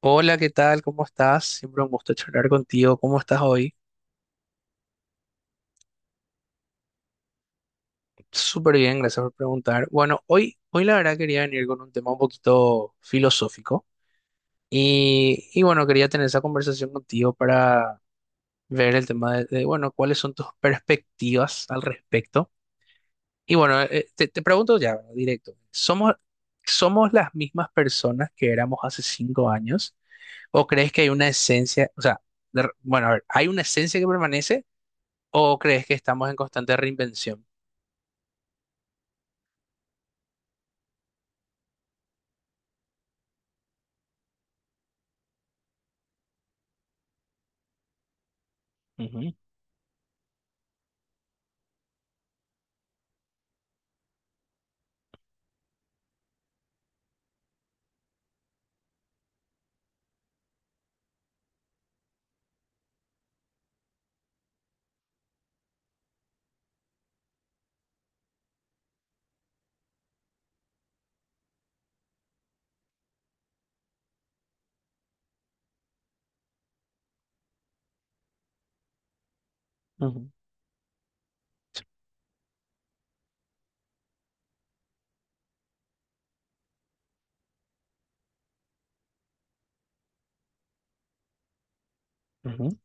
Hola, ¿qué tal? ¿Cómo estás? Siempre un gusto charlar contigo. ¿Cómo estás hoy? Súper bien, gracias por preguntar. Bueno, hoy la verdad quería venir con un tema un poquito filosófico y bueno, quería tener esa conversación contigo para ver el tema de, bueno, cuáles son tus perspectivas al respecto. Y bueno, te pregunto ya, bueno, directo, ¿Somos las mismas personas que éramos hace 5 años? ¿O crees que hay una esencia, o sea, bueno, a ver, ¿hay una esencia que permanece? ¿O crees que estamos en constante reinvención? Ujú, ujú, ujú,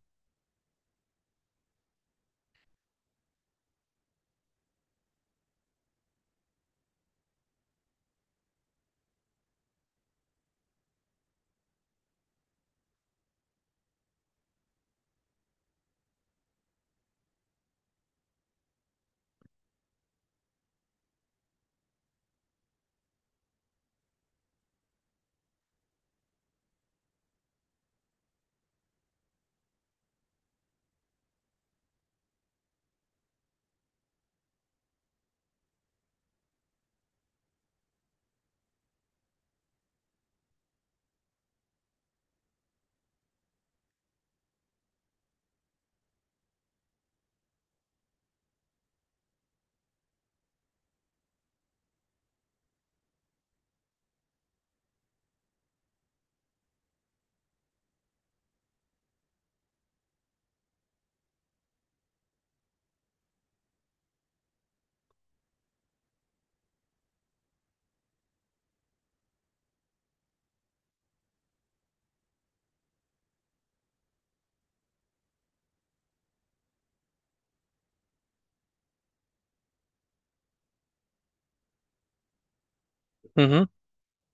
ujú.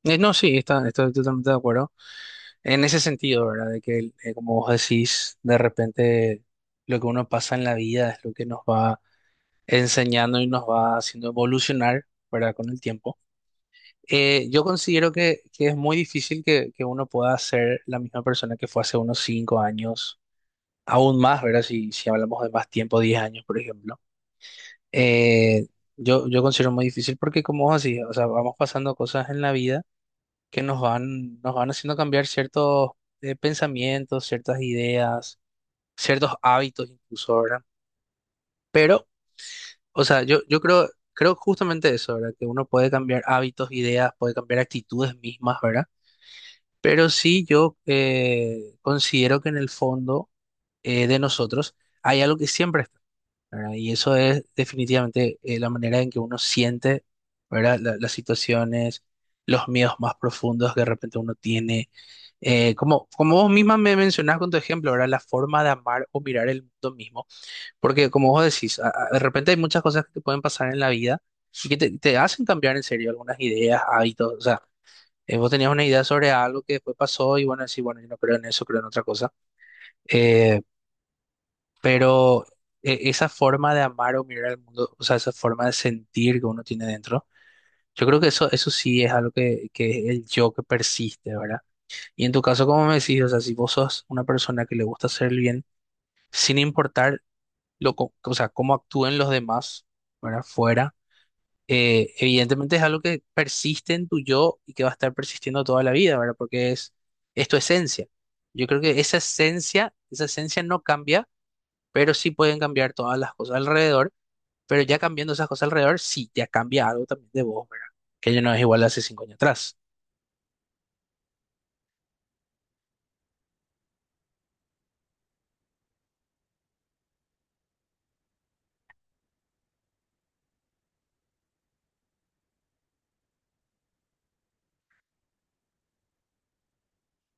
No, sí, estoy totalmente de acuerdo. En ese sentido, ¿verdad? De que, como vos decís, de repente lo que uno pasa en la vida es lo que nos va enseñando y nos va haciendo evolucionar, ¿verdad? Con el tiempo. Yo considero que es muy difícil que uno pueda ser la misma persona que fue hace unos 5 años, aún más, ¿verdad? Si hablamos de más tiempo, 10 años, por ejemplo. Eh, yo considero muy difícil porque como vos decís, o sea, vamos pasando cosas en la vida que nos van haciendo cambiar ciertos pensamientos, ciertas ideas, ciertos hábitos incluso, ¿verdad? Pero, o sea, yo creo justamente eso, ¿verdad? Que uno puede cambiar hábitos, ideas, puede cambiar actitudes mismas, ¿verdad? Pero sí yo considero que en el fondo de nosotros hay algo que siempre está, ¿verdad? Y eso es definitivamente la manera en que uno siente, ¿verdad? Las situaciones, los miedos más profundos que de repente uno tiene. Como vos misma me mencionás con tu ejemplo, ¿verdad? La forma de amar o mirar el mundo mismo. Porque como vos decís, de repente hay muchas cosas que te pueden pasar en la vida y que te hacen cambiar en serio algunas ideas, hábitos. O sea, vos tenías una idea sobre algo que después pasó y bueno, decís, bueno, yo no creo en eso, creo en otra cosa. Eh, pero esa forma de amar o mirar al mundo, o sea, esa forma de sentir que uno tiene dentro, yo creo que eso sí es algo que es el yo que persiste, ¿verdad? Y en tu caso, como me decís, o sea, si vos sos una persona que le gusta hacer el bien, sin importar o sea, cómo actúen los demás, ¿verdad? Fuera, evidentemente es algo que persiste en tu yo y que va a estar persistiendo toda la vida, ¿verdad? Porque es tu esencia. Yo creo que esa esencia no cambia, pero sí pueden cambiar todas las cosas alrededor, pero ya cambiando esas cosas alrededor, sí, ya cambia algo también de vos, ¿verdad? Que ya no es igual a hace 5 años atrás.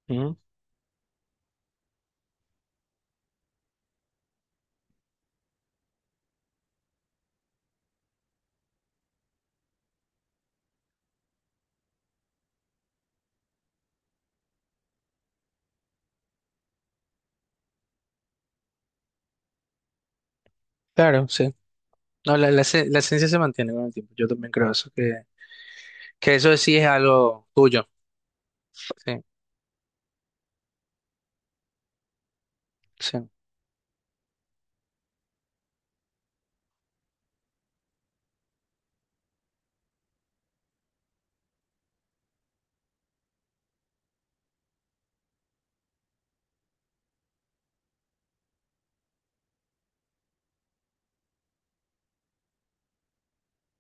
Ujú, claro, sí. No, la esencia se mantiene con el tiempo. Yo también creo eso, que eso sí es algo tuyo. Sí, sí.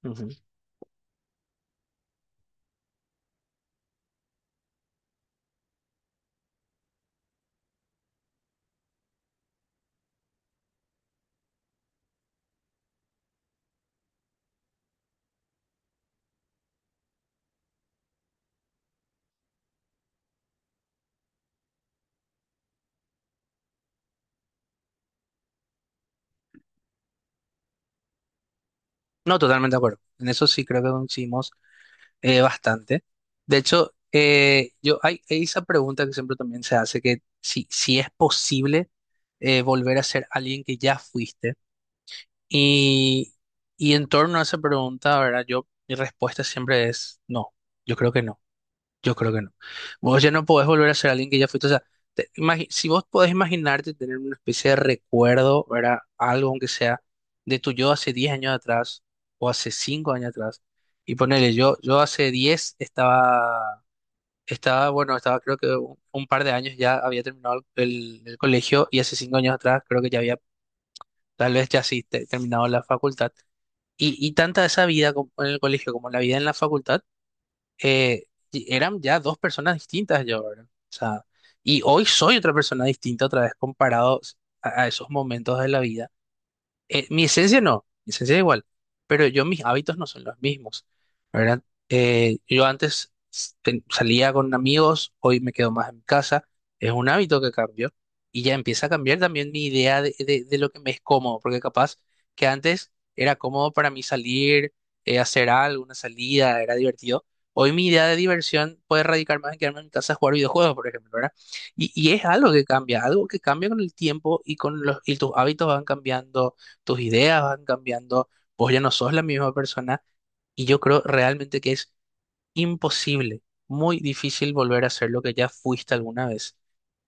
Ujú. No, totalmente de acuerdo. En eso sí creo que coincidimos bastante. De hecho, yo, hay esa pregunta que siempre también se hace, que si es posible volver a ser alguien que ya fuiste. Y, y en torno a esa pregunta, ¿verdad? Yo, mi respuesta siempre es no, yo creo que no, yo creo que no. Vos ya no podés volver a ser alguien que ya fuiste, o sea, si vos podés imaginarte tener una especie de recuerdo, ¿verdad? Algo aunque sea de tu yo hace 10 años atrás o hace 5 años atrás. Y ponele, yo hace 10 estaba, estaba creo que un par de años ya había terminado el colegio, y hace 5 años atrás creo que ya había, tal vez ya sí, terminado la facultad. Y tanta esa vida como en el colegio como la vida en la facultad, eh, y eran ya dos personas distintas yo, ¿verdad? O sea, y hoy soy otra persona distinta otra vez comparado a esos momentos de la vida. Mi esencia no, mi esencia es igual, pero yo mis hábitos no son los mismos, ¿verdad? Yo antes salía con amigos, hoy me quedo más en casa, es un hábito que cambió y ya empieza a cambiar también mi idea de lo que me es cómodo, porque capaz que antes era cómodo para mí salir, hacer algo, una salida, era divertido. Hoy mi idea de diversión puede radicar más en quedarme en mi casa a jugar videojuegos, por ejemplo, ¿verdad? Y es algo que cambia con el tiempo y y tus hábitos van cambiando, tus ideas van cambiando, vos ya no sos la misma persona y yo creo realmente que es imposible, muy difícil volver a ser lo que ya fuiste alguna vez,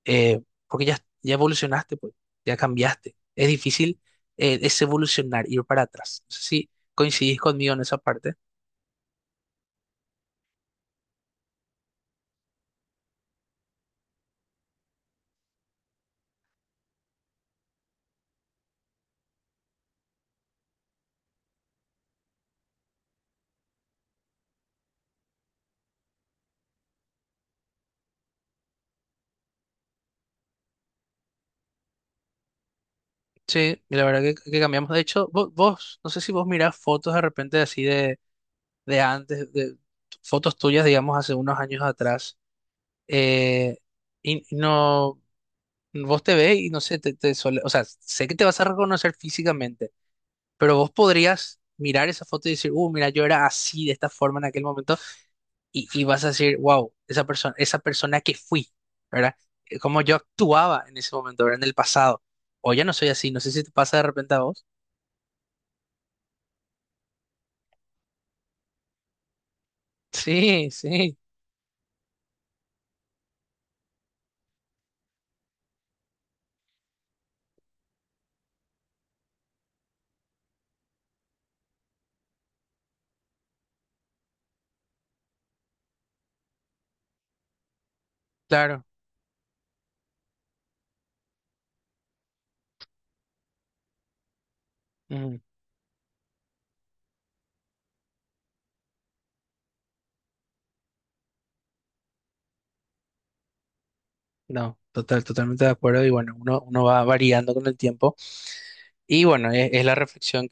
eh, porque ya, ya evolucionaste, pues, ya cambiaste. Es difícil, es evolucionar, ir para atrás. No sé si coincidís conmigo en esa parte. Sí, y la verdad que cambiamos. De hecho, vos, no sé si vos mirás fotos de repente así de antes, de fotos tuyas, digamos, hace unos años atrás. eh, y no, vos te ves y no sé, o sea, sé que te vas a reconocer físicamente, pero vos podrías mirar esa foto y decir, mira, yo era así, de esta forma en aquel momento, y vas a decir, wow, esa persona que fui, ¿verdad? Como yo actuaba en ese momento, ¿verdad? En el pasado. O ya no soy así, no sé si te pasa de repente a vos. Sí, sí, claro. Ujú. No, totalmente de acuerdo. Y bueno, uno va variando con el tiempo. Y bueno, es la reflexión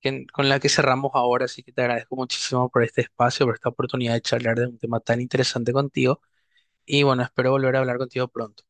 con la que cerramos ahora, así que te agradezco muchísimo por este espacio, por esta oportunidad de charlar de un tema tan interesante contigo, y bueno, espero volver a hablar contigo pronto.